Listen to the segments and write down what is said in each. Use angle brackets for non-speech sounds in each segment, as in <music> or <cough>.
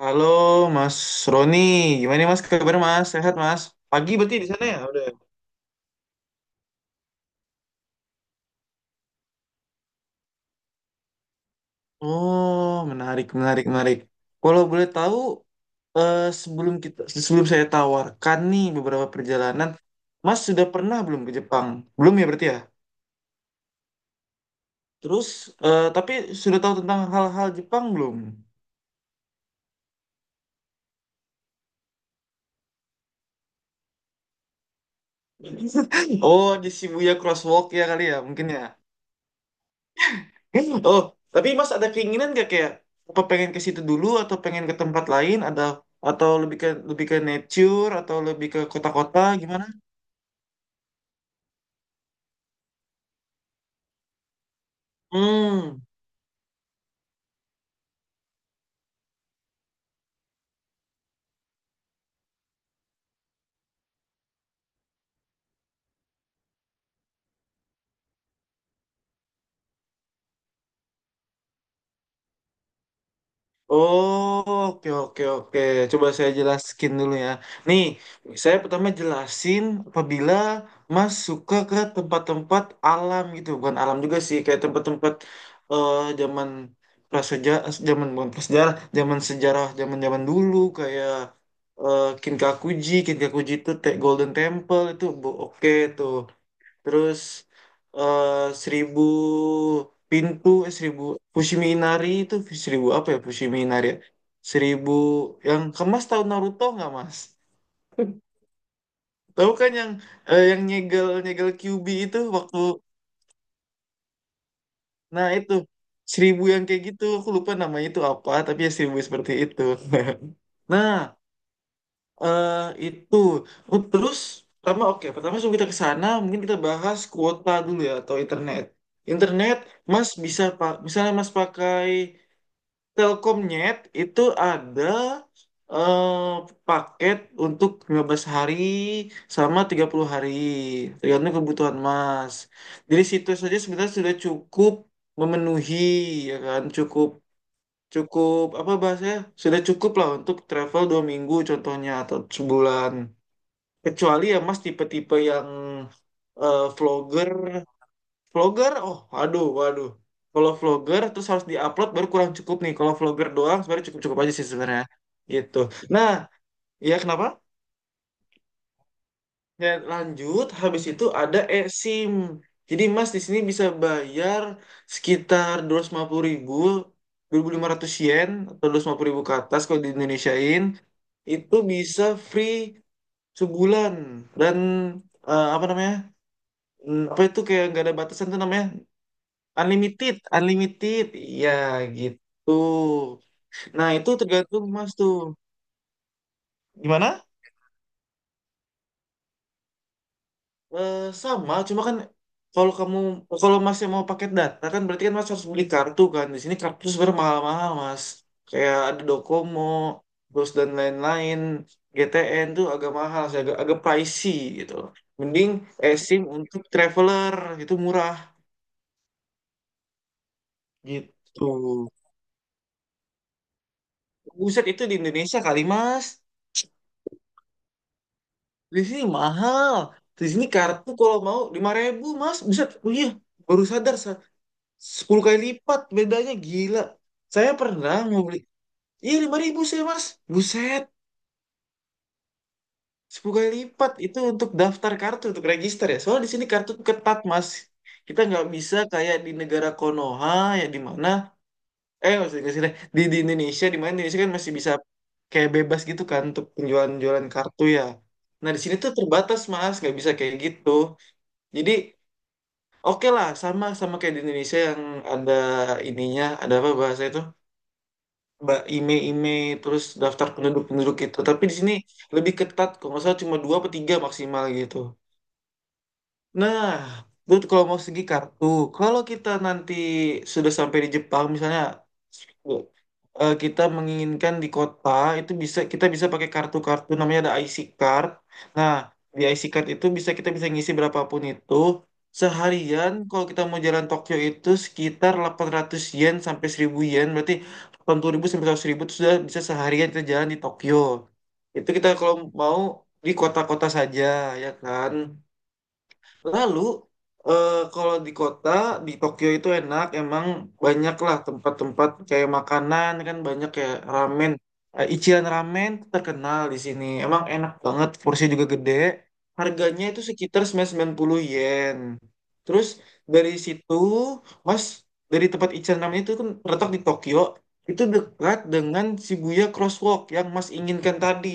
Halo Mas Roni, gimana nih, Mas, kabar Mas? Sehat Mas? Pagi berarti di sana ya udah, ya? Oh, menarik, menarik, menarik. Kalau boleh tahu, eh, sebelum kita sebelum saya tawarkan nih beberapa perjalanan, Mas sudah pernah belum ke Jepang? Belum ya berarti ya? Terus, tapi sudah tahu tentang hal-hal Jepang belum? Oh, di Shibuya Crosswalk ya kali ya, mungkin ya. <laughs> Oh, tapi Mas ada keinginan gak, kayak apa, pengen ke situ dulu atau pengen ke tempat lain ada, atau lebih ke nature atau lebih ke kota-kota, gimana? Hmm. Oh, oke oke oke. Coba saya jelaskan dulu ya. Nih, saya pertama jelasin apabila Mas suka ke tempat-tempat alam gitu, bukan alam juga sih, kayak tempat-tempat zaman prasejarah, zaman bukan prasejarah, zaman sejarah, zaman-zaman dulu, kayak Kinkakuji. Kinkakuji itu Golden Temple itu oke tuh. Terus eh seribu pintu, eh, seribu Fushiminari itu seribu apa ya, Fushiminari ya? Seribu yang kemas tahu Naruto nggak, Mas? <laughs> Tahu kan yang yang nyegel nyegel Kyuubi itu waktu, nah itu seribu yang kayak gitu, aku lupa namanya itu apa tapi ya seribu seperti itu. <laughs> Nah, eh itu. Oh, terus pertama, oke, sebelum kita ke sana mungkin kita bahas kuota dulu ya, atau internet. Internet mas bisa, pak, misalnya mas pakai Telkomnet itu ada eh, paket untuk 15 hari sama 30 hari, tergantung kebutuhan mas. Dari situ saja sebenarnya sudah cukup memenuhi, ya kan, cukup, apa bahasanya, sudah cukup lah untuk travel 2 minggu contohnya, atau sebulan. Kecuali ya Mas tipe-tipe yang eh, vlogger, vlogger. Oh aduh, waduh. Kalau vlogger terus harus diupload, baru kurang cukup nih. Kalau vlogger doang sebenarnya cukup-cukup aja sih sebenarnya. Gitu. Nah, ya kenapa? Ya lanjut, habis itu ada eSIM. Jadi Mas di sini bisa bayar sekitar dua 250.000, 2.500 yen atau 250.000 ke atas kalau di Indonesiain. Itu bisa free sebulan dan apa namanya? Hmm, apa itu kayak nggak ada batasan tuh namanya, unlimited, unlimited, ya gitu. Nah itu tergantung mas tuh gimana. Eh, sama cuma kan kalau kamu, masnya mau paket data kan, berarti kan mas harus beli kartu kan, di sini kartu tuh sebenarnya mahal-mahal mas, kayak ada Docomo terus dan lain-lain. GTN tuh agak mahal sih, agak agak pricey gitu, mending eSIM untuk traveler itu murah gitu. Buset, itu di Indonesia kali mas. Di sini mahal. Di sini kartu kalau mau 5.000 mas. Bisa, oh iya, baru sadar. 10 kali lipat bedanya, gila. Saya pernah mau beli. Iya 5.000 saya mas. Buset. Sepuluh kali lipat itu untuk daftar kartu, untuk register ya. Soalnya di sini kartu tuh ketat mas. Kita nggak bisa kayak di negara Konoha, ya di mana. Maksudnya nggak sih, deh. Di Indonesia, di mana Indonesia kan masih bisa kayak bebas gitu kan untuk penjualan-jualan kartu ya. Nah di sini tuh terbatas mas, nggak bisa kayak gitu. Jadi oke lah, sama sama kayak di Indonesia yang ada ininya, ada apa bahasa itu? Mbak IME-IME, terus daftar penduduk-penduduk itu. Tapi di sini lebih ketat, kalau nggak salah cuma dua atau tiga maksimal gitu. Nah, itu kalau mau segi kartu. Kalau kita nanti sudah sampai di Jepang, misalnya kita menginginkan di kota, itu bisa kita bisa pakai kartu-kartu namanya ada IC card. Nah, di IC card itu bisa kita bisa ngisi berapapun itu. Seharian kalau kita mau jalan Tokyo itu sekitar 800 yen sampai 1.000 yen, berarti 80.000 sampai 100.000 itu sudah bisa seharian kita jalan di Tokyo. Itu kita kalau mau di kota-kota saja, ya kan? Lalu kalau di kota, di Tokyo itu enak, emang banyak lah tempat-tempat, kayak makanan kan banyak, kayak ramen. Ichiran Ramen tuh terkenal di sini. Emang enak banget, porsinya juga gede. Harganya itu sekitar 990 yen. Terus dari situ, Mas, dari tempat Ichiran Ramen itu kan terletak di Tokyo, itu dekat dengan Shibuya Crosswalk yang Mas inginkan tadi.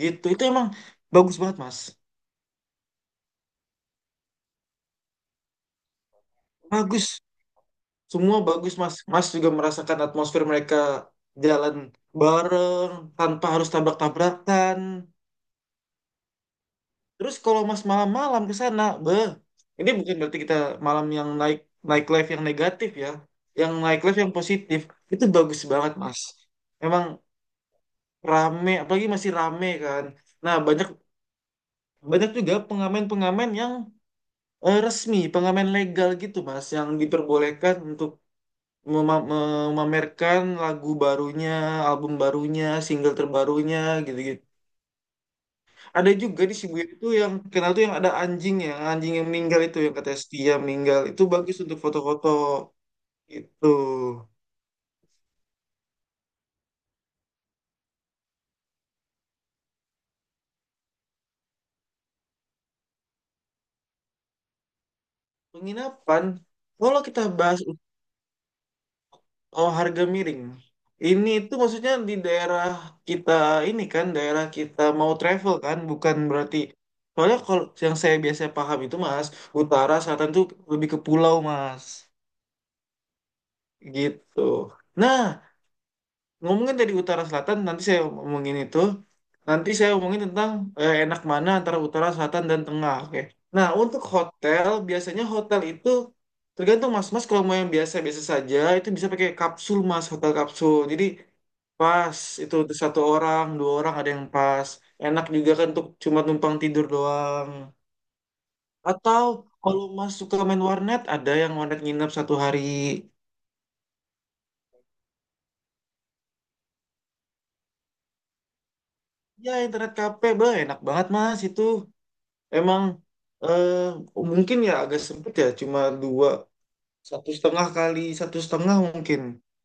Gitu. Itu emang bagus banget, Mas. Bagus. Semua bagus, Mas. Mas juga merasakan atmosfer mereka jalan bareng tanpa harus tabrak-tabrakan. Terus kalau Mas malam-malam ke sana, beh, ini bukan berarti kita malam yang naik, live yang negatif ya. Yang naik live yang positif itu bagus banget, Mas. Emang rame, apalagi masih rame kan. Nah, banyak banyak juga pengamen-pengamen yang resmi, pengamen legal gitu, Mas, yang diperbolehkan untuk memamerkan lagu barunya, album barunya, single terbarunya gitu-gitu. Ada juga di Shibuya itu yang kenal tuh yang ada anjing ya, anjing yang meninggal itu yang katanya setia meninggal. Itu bagus untuk foto-foto gitu. Penginapan, kalau kita bahas, oh, harga miring. Ini itu maksudnya di daerah kita ini kan, daerah kita mau travel kan, bukan berarti. Soalnya kalau yang saya biasa paham itu Mas, utara, selatan tuh lebih ke pulau Mas. Gitu. Nah, ngomongin dari utara selatan, nanti saya ngomongin itu. Nanti saya ngomongin tentang enak mana antara utara, selatan, dan tengah. Oke. Nah, untuk hotel, biasanya hotel itu tergantung mas. Mas kalau mau yang biasa-biasa saja, itu bisa pakai kapsul mas, hotel kapsul. Jadi pas itu untuk satu orang, dua orang ada yang pas. Enak juga kan untuk cuma numpang tidur doang. Atau kalau mas suka main warnet, ada yang warnet nginep satu hari. Ya, internet kafe, bah, enak banget mas itu. Emang eh, mungkin ya agak sempit ya, cuma satu setengah kali satu setengah mungkin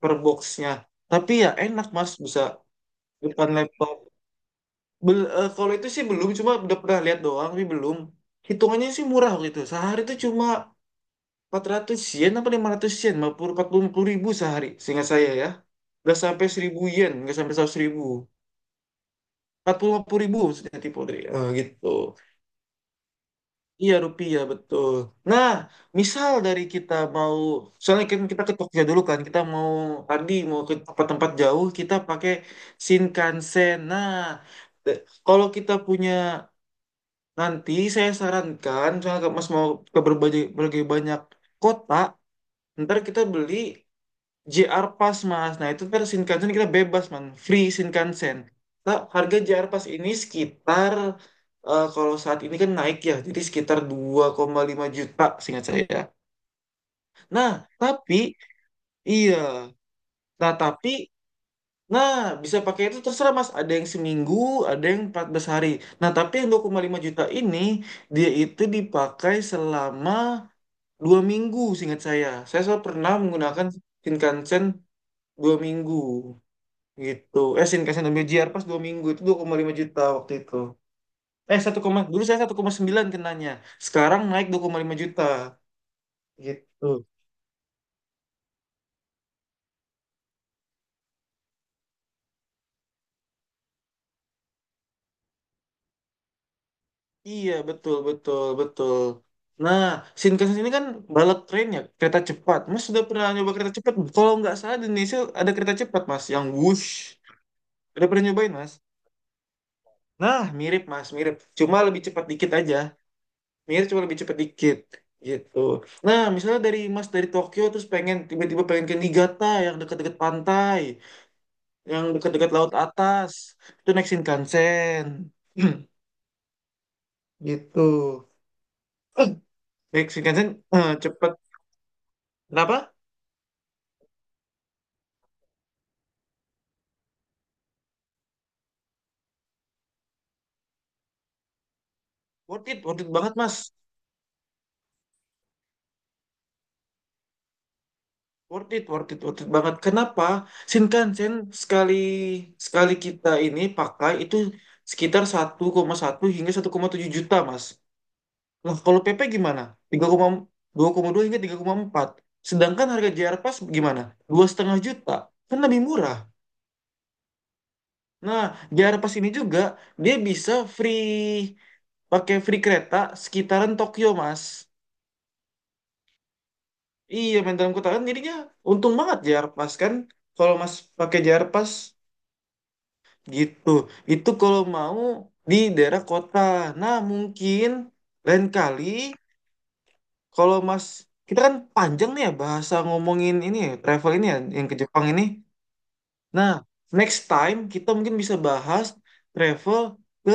per boxnya. Tapi ya enak mas, bisa depan laptop. Kalau itu sih belum, cuma udah pernah lihat doang, tapi belum. Hitungannya sih murah gitu. Sehari itu cuma 400 yen apa 500 yen, 40.000 sehari, seingat saya ya. Nggak sampai 1.000 yen, nggak sampai 100 ribu. Empat puluh lima puluh ribu, maksudnya tipe dari, gitu. Iya rupiah betul. Nah, misal dari kita mau, soalnya kan kita ke Tokyo dulu kan, kita mau tadi mau ke tempat-tempat jauh, kita pakai Shinkansen. Nah, de- kalau kita punya nanti, saya sarankan, soalnya Mas mau ke berbagai banyak kota, ntar kita beli JR Pass mas. Nah itu versi Shinkansen kita bebas man, free Shinkansen. Nah, harga JR Pass ini sekitar, kalau saat ini kan naik ya, jadi sekitar 2,5 juta seingat saya. Nah tapi iya, nah tapi nah bisa pakai itu terserah mas. Ada yang seminggu, ada yang 14 hari. Nah tapi yang 2,5 juta ini dia itu dipakai selama 2 minggu seingat saya. Saya soal pernah menggunakan Shinkansen 2 minggu. Gitu, Shinkansen dan BJR pas 2 minggu itu 2,5 juta waktu itu. 1, dulu saya 1,9 kenanya, sekarang naik 2,5 juta gitu. Iya betul betul betul. Nah, Shinkansen ini kan bullet train ya, kereta cepat mas. Sudah pernah nyoba kereta cepat, kalau nggak salah di Indonesia ada kereta cepat mas yang Wush, udah pernah nyobain mas. Nah mirip mas, mirip, cuma lebih cepat dikit aja. Mikir cuma lebih cepet dikit gitu. Nah, misalnya dari Tokyo terus pengen, tiba-tiba pengen ke Niigata yang dekat-dekat pantai, yang dekat-dekat laut atas, itu naik Shinkansen. <clears throat> Gitu. Eh, Naik Shinkansen, cepet. Kenapa? Worth it banget, Mas. Worth it, worth it, worth it banget. Kenapa? Shinkansen sekali sekali kita ini pakai itu sekitar 1,1 hingga 1,7 juta, Mas. Nah, kalau PP gimana? 3,2, 2,2 hingga 3,4. Sedangkan harga JR Pass gimana? 2,5 juta. Kan lebih murah. Nah, JR Pass ini juga dia bisa free, pakai free kereta sekitaran Tokyo, Mas. Iya, main dalam kota kan jadinya untung banget JR Pass kan kalau Mas pakai JR Pass gitu. Itu kalau mau di daerah kota. Nah, mungkin lain kali, kalau Mas, kita kan panjang nih ya bahasa ngomongin ini ya, travel ini ya, yang ke Jepang ini. Nah, next time kita mungkin bisa bahas travel ke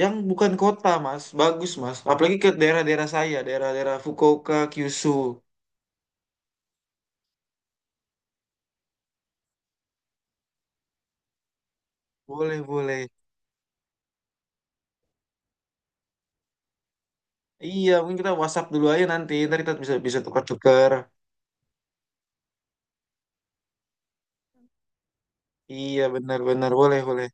yang bukan kota, Mas. Bagus, Mas. Apalagi ke daerah-daerah saya, daerah-daerah Fukuoka, Kyushu. Boleh, boleh. Iya, mungkin kita WhatsApp dulu aja nanti. Ntar kita bisa bisa tukar-tukar. Iya, benar-benar. Boleh, boleh.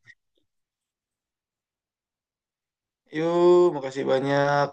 Yuk, makasih banyak.